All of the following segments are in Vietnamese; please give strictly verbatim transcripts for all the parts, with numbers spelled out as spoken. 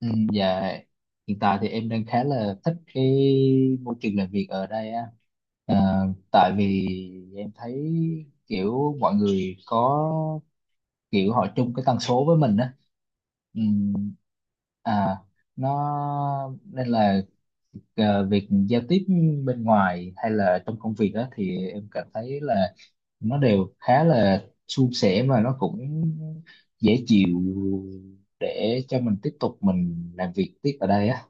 Ừ, dạ, hiện tại thì em đang khá là thích cái môi trường làm việc ở đây á. Ờ, Tại vì em thấy kiểu mọi người có kiểu họ chung cái tần số với mình á. Ừ, à nó Nên là ờ, việc giao tiếp bên ngoài hay là trong công việc á thì em cảm thấy là nó đều khá là suôn sẻ mà nó cũng dễ chịu để cho mình tiếp tục mình làm việc tiếp ở đây á.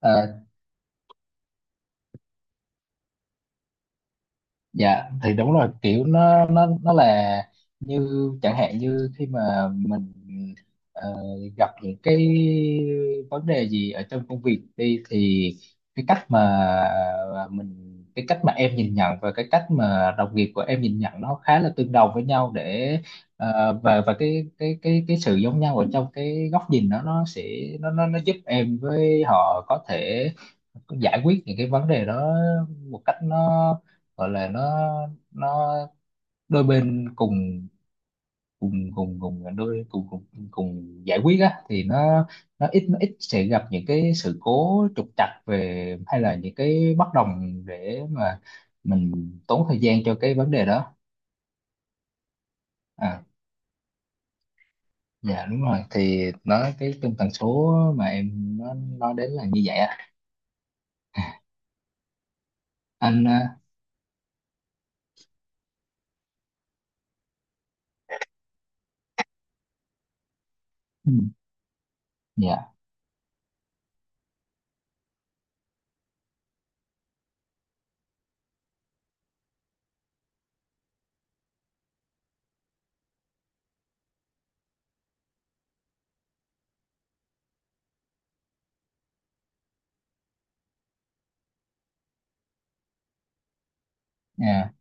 Ờ, dạ thì đúng rồi, kiểu nó nó nó là như chẳng hạn như khi mà mình ờ, gặp những cái vấn đề gì ở trong công việc đi thì cái cách mà mình cái cách mà em nhìn nhận và cái cách mà đồng nghiệp của em nhìn nhận nó khá là tương đồng với nhau, để ờ, và và cái cái cái cái sự giống nhau ở trong cái góc nhìn đó nó sẽ, nó nó nó giúp em với họ có thể giải quyết những cái vấn đề đó một cách nó gọi là, nó nó đôi bên cùng, cùng cùng cùng à, đôi cùng cùng cùng giải quyết á, thì nó nó ít, nó ít sẽ gặp những cái sự cố trục trặc về hay là những cái bất đồng để mà mình tốn thời gian cho cái vấn đề đó. à dạ đúng rồi, thì nó cái tinh tần số mà em nó nói đến là như vậy á. Anh à. Ừ, dạ. À,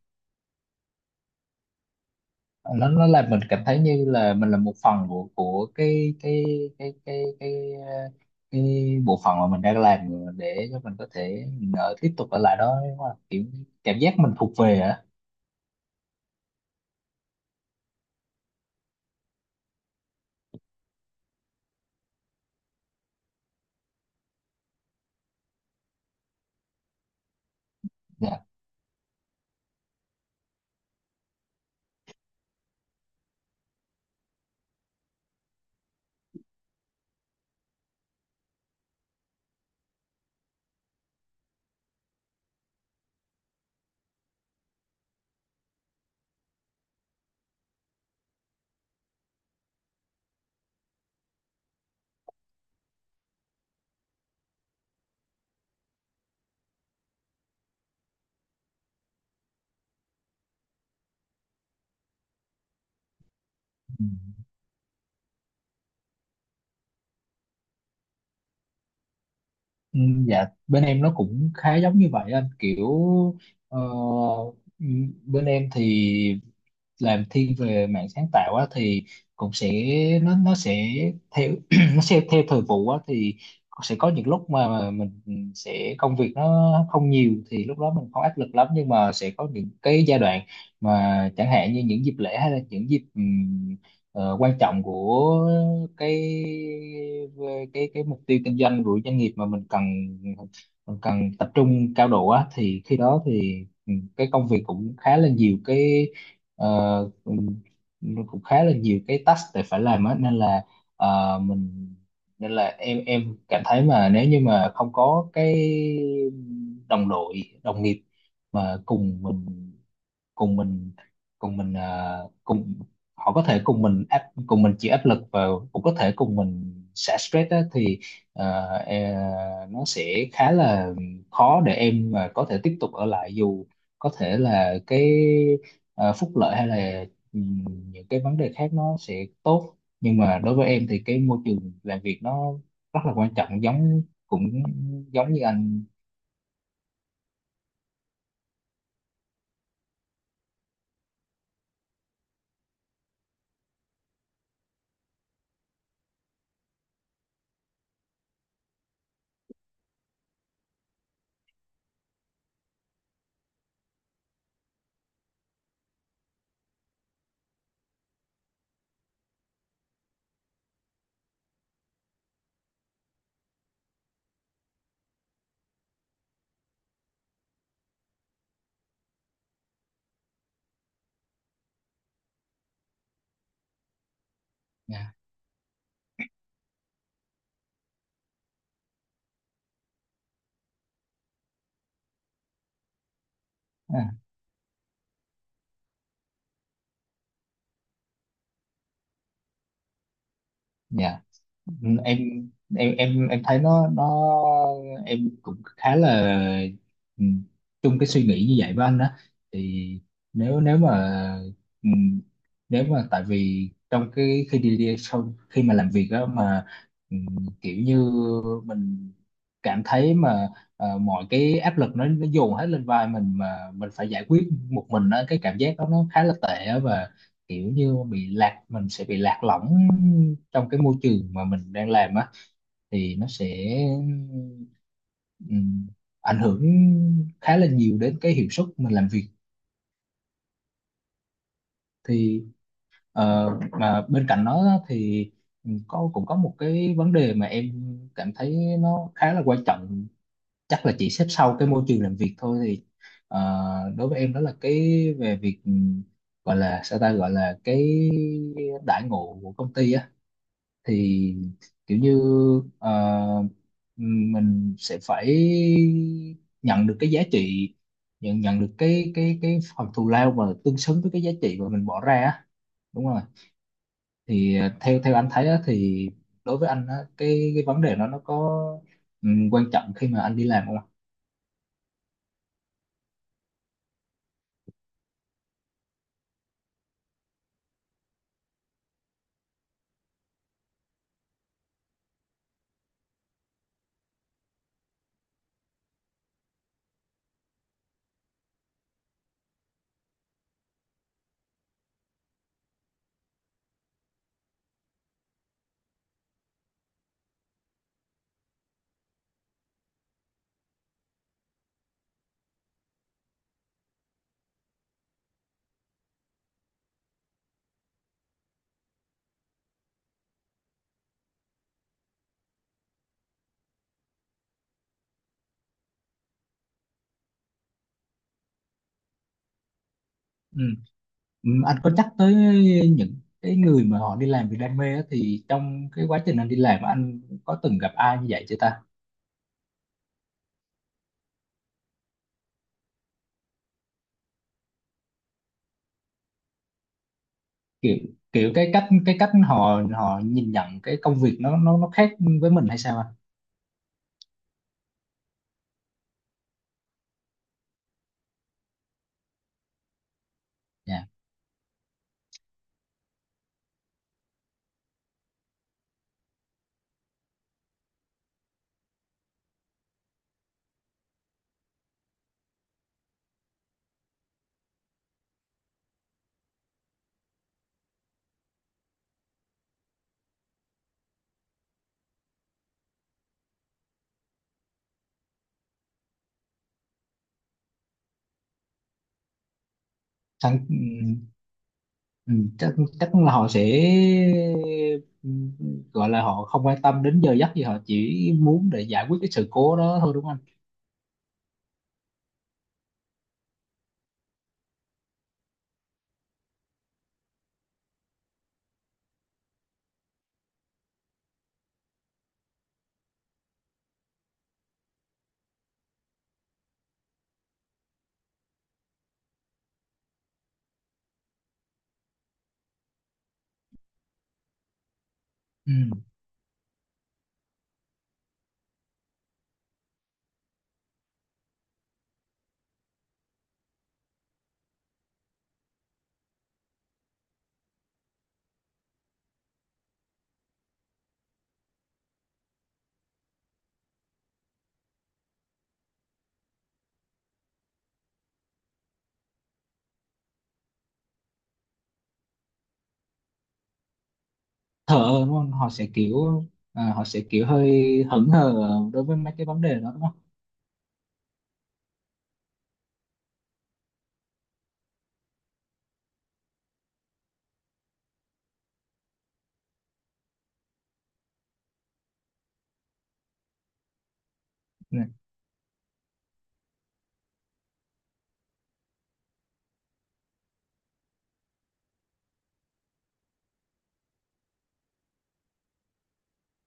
nó nó làm mình cảm thấy như là mình là một phần của của cái cái cái cái cái ờ, cái bộ phận mà mình đang làm, để cho mình có thể mình ở, tiếp tục ở lại đó, đúng không? Kiểu cảm giác mình thuộc về á. Dạ. Ừ. Ừ, dạ, bên em nó cũng khá giống như vậy anh, kiểu ờ, ừ, bên em thì làm thiên về mảng sáng tạo á thì cũng sẽ, nó nó sẽ theo nó sẽ theo thời vụ á thì sẽ có những lúc mà mà mình sẽ công việc nó không nhiều, thì lúc đó mình không áp lực lắm. Nhưng mà sẽ có những cái giai đoạn mà chẳng hạn như những dịp lễ hay là những dịp ừm, ờ, quan trọng của cái cái cái mục tiêu kinh doanh của doanh nghiệp mà mình cần mình cần tập trung cao độ á, thì khi đó thì ừm, cái công việc cũng khá là nhiều cái, ờ, cũng, nó cũng khá là nhiều cái task để phải làm á nên là ờ, mình nên là em em cảm thấy mà nếu như mà không có cái đồng đội đồng nghiệp mà cùng mình cùng mình cùng mình à, cùng họ có thể cùng mình áp cùng mình chịu áp lực và cũng có thể cùng mình xả stress á, thì ờ, e- nó sẽ khá là khó để em mà có thể tiếp tục ở lại, dù có thể là cái ờ, phúc lợi hay là ừm, những cái vấn đề khác nó sẽ tốt. Nhưng mà đối với em thì cái môi trường làm việc nó rất là quan trọng, giống cũng giống như anh nha. À, dạ. Ừ, em em em em thấy nó nó em cũng khá là ừ, chung cái suy nghĩ như vậy với anh đó. Thì nếu nếu mà ừ, nếu mà tại vì trong cái khi đi đi sau khi mà làm việc đó mà ừ, kiểu như mình cảm thấy mà ờ, mọi cái áp lực nó nó dồn hết lên vai mình, mà mình phải giải quyết một mình đó, cái cảm giác đó nó khá là tệ á, và kiểu như bị lạc mình sẽ bị lạc lõng trong cái môi trường mà mình đang làm á, thì nó sẽ ừm, ảnh hưởng khá là nhiều đến cái hiệu suất mình làm việc. Thì ờ, mà bên cạnh đó á, thì có cũng có một cái vấn đề mà em cảm thấy nó khá là quan trọng, chắc là chỉ xếp sau cái môi trường làm việc thôi. Thì ờ, đối với em đó là cái về việc ừm, gọi là sao ta, gọi là cái đãi ngộ của công ty á. Thì kiểu như ờ, mình sẽ phải nhận được cái giá trị nhận nhận được cái cái cái phần thù lao mà tương xứng với cái giá trị mà mình bỏ ra á. Đúng rồi. Thì ờ, theo theo anh thấy á, thì đối với anh á, cái cái vấn đề đó nó có ừm, quan trọng khi mà anh đi làm không ạ? Ừ. Ừm, anh có nhắc tới những cái người mà họ đi làm vì đam mê á, thì trong cái quá trình anh đi làm á, anh có từng gặp ai như vậy chưa ta? Kiểu, kiểu cái cách cái cách họ họ nhìn nhận cái công việc nó nó nó khác với mình hay sao anh? Dạ. Thằng- ừ, ừ, Chắc, chắc là họ sẽ ừ, gọi là họ không quan tâm đến giờ giấc gì, họ chỉ muốn để giải quyết cái sự cố đó thôi, đúng không anh? Ừ. Thờ ơ đúng không, họ sẽ kiểu, à, họ sẽ kiểu hơi hững hờ đối với mấy cái vấn đề đó, đúng không?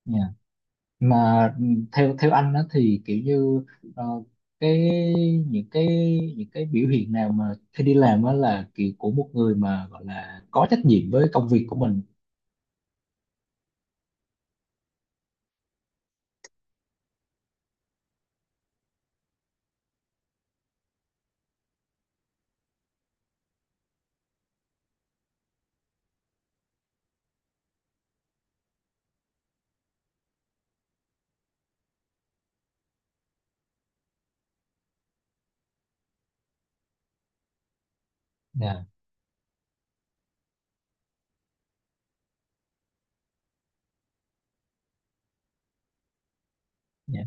Dạ. Mà theo theo anh đó thì kiểu như ờ, cái những cái những cái biểu hiện nào mà khi đi làm đó là kiểu của một người mà gọi là có trách nhiệm với công việc của mình? Dạ. Dạ.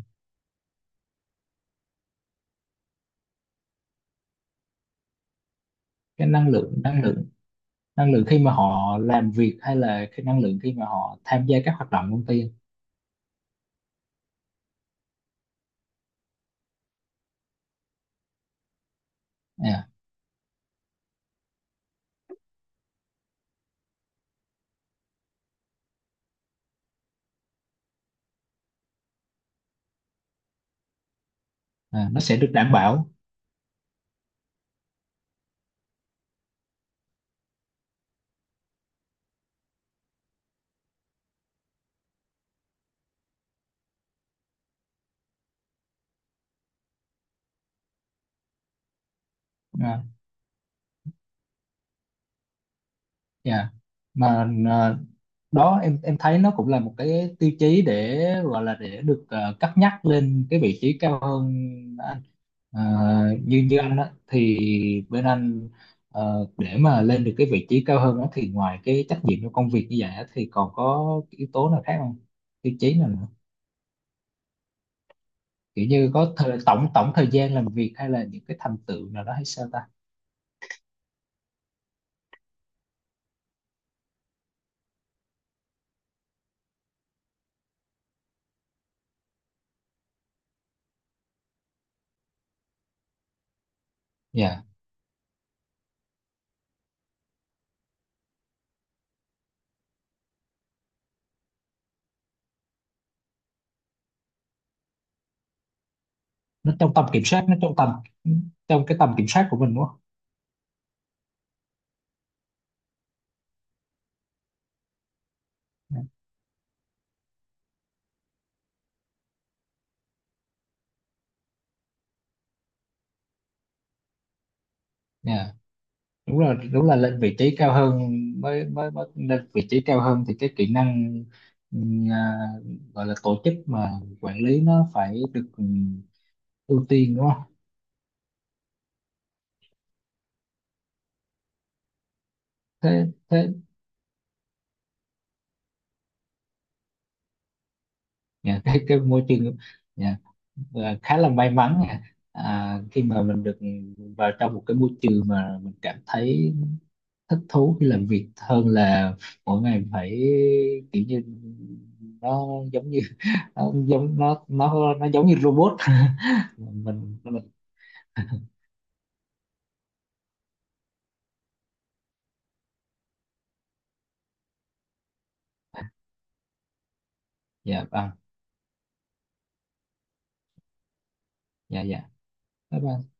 Cái năng lượng, năng lượng năng lượng khi mà họ làm việc hay là cái năng lượng khi mà họ tham gia các hoạt động công ty? Dạ. à, nó sẽ được đảm bảo. Dạ. Dạ. Mà ờ, đó, em em thấy nó cũng là một cái tiêu chí để gọi là để được ờ, cất nhắc lên cái vị trí cao hơn. Ờ, như như anh á thì bên anh ờ, để mà lên được cái vị trí cao hơn á thì ngoài cái trách nhiệm trong công việc như vậy á thì còn có cái yếu tố nào khác không, tiêu chí nào nữa? Kiểu như có thời, tổng tổng thời gian làm việc hay là những cái thành tựu nào đó hay sao ta? Dạ. Nó trong tầm kiểm soát, nó trong tầm trong cái tầm kiểm soát của mình đúng không? Dạ. Dạ. đúng là đúng là lên vị trí cao hơn, mới mới, mới lên vị trí cao hơn thì cái kỹ năng ừm, à, gọi là tổ chức mà quản lý nó phải được ưu tiên, đúng không? Thế thế nhà, cái, cái môi trường nhà, à, khá là may mắn nha. À, khi mà mình được vào trong một cái môi trường mà mình cảm thấy thích thú khi làm việc hơn là mỗi ngày phải kiểu như nó giống như nó giống nó nó nó giống như robot. mình mình Dạ vâng. Dạ dạ. Bye bye.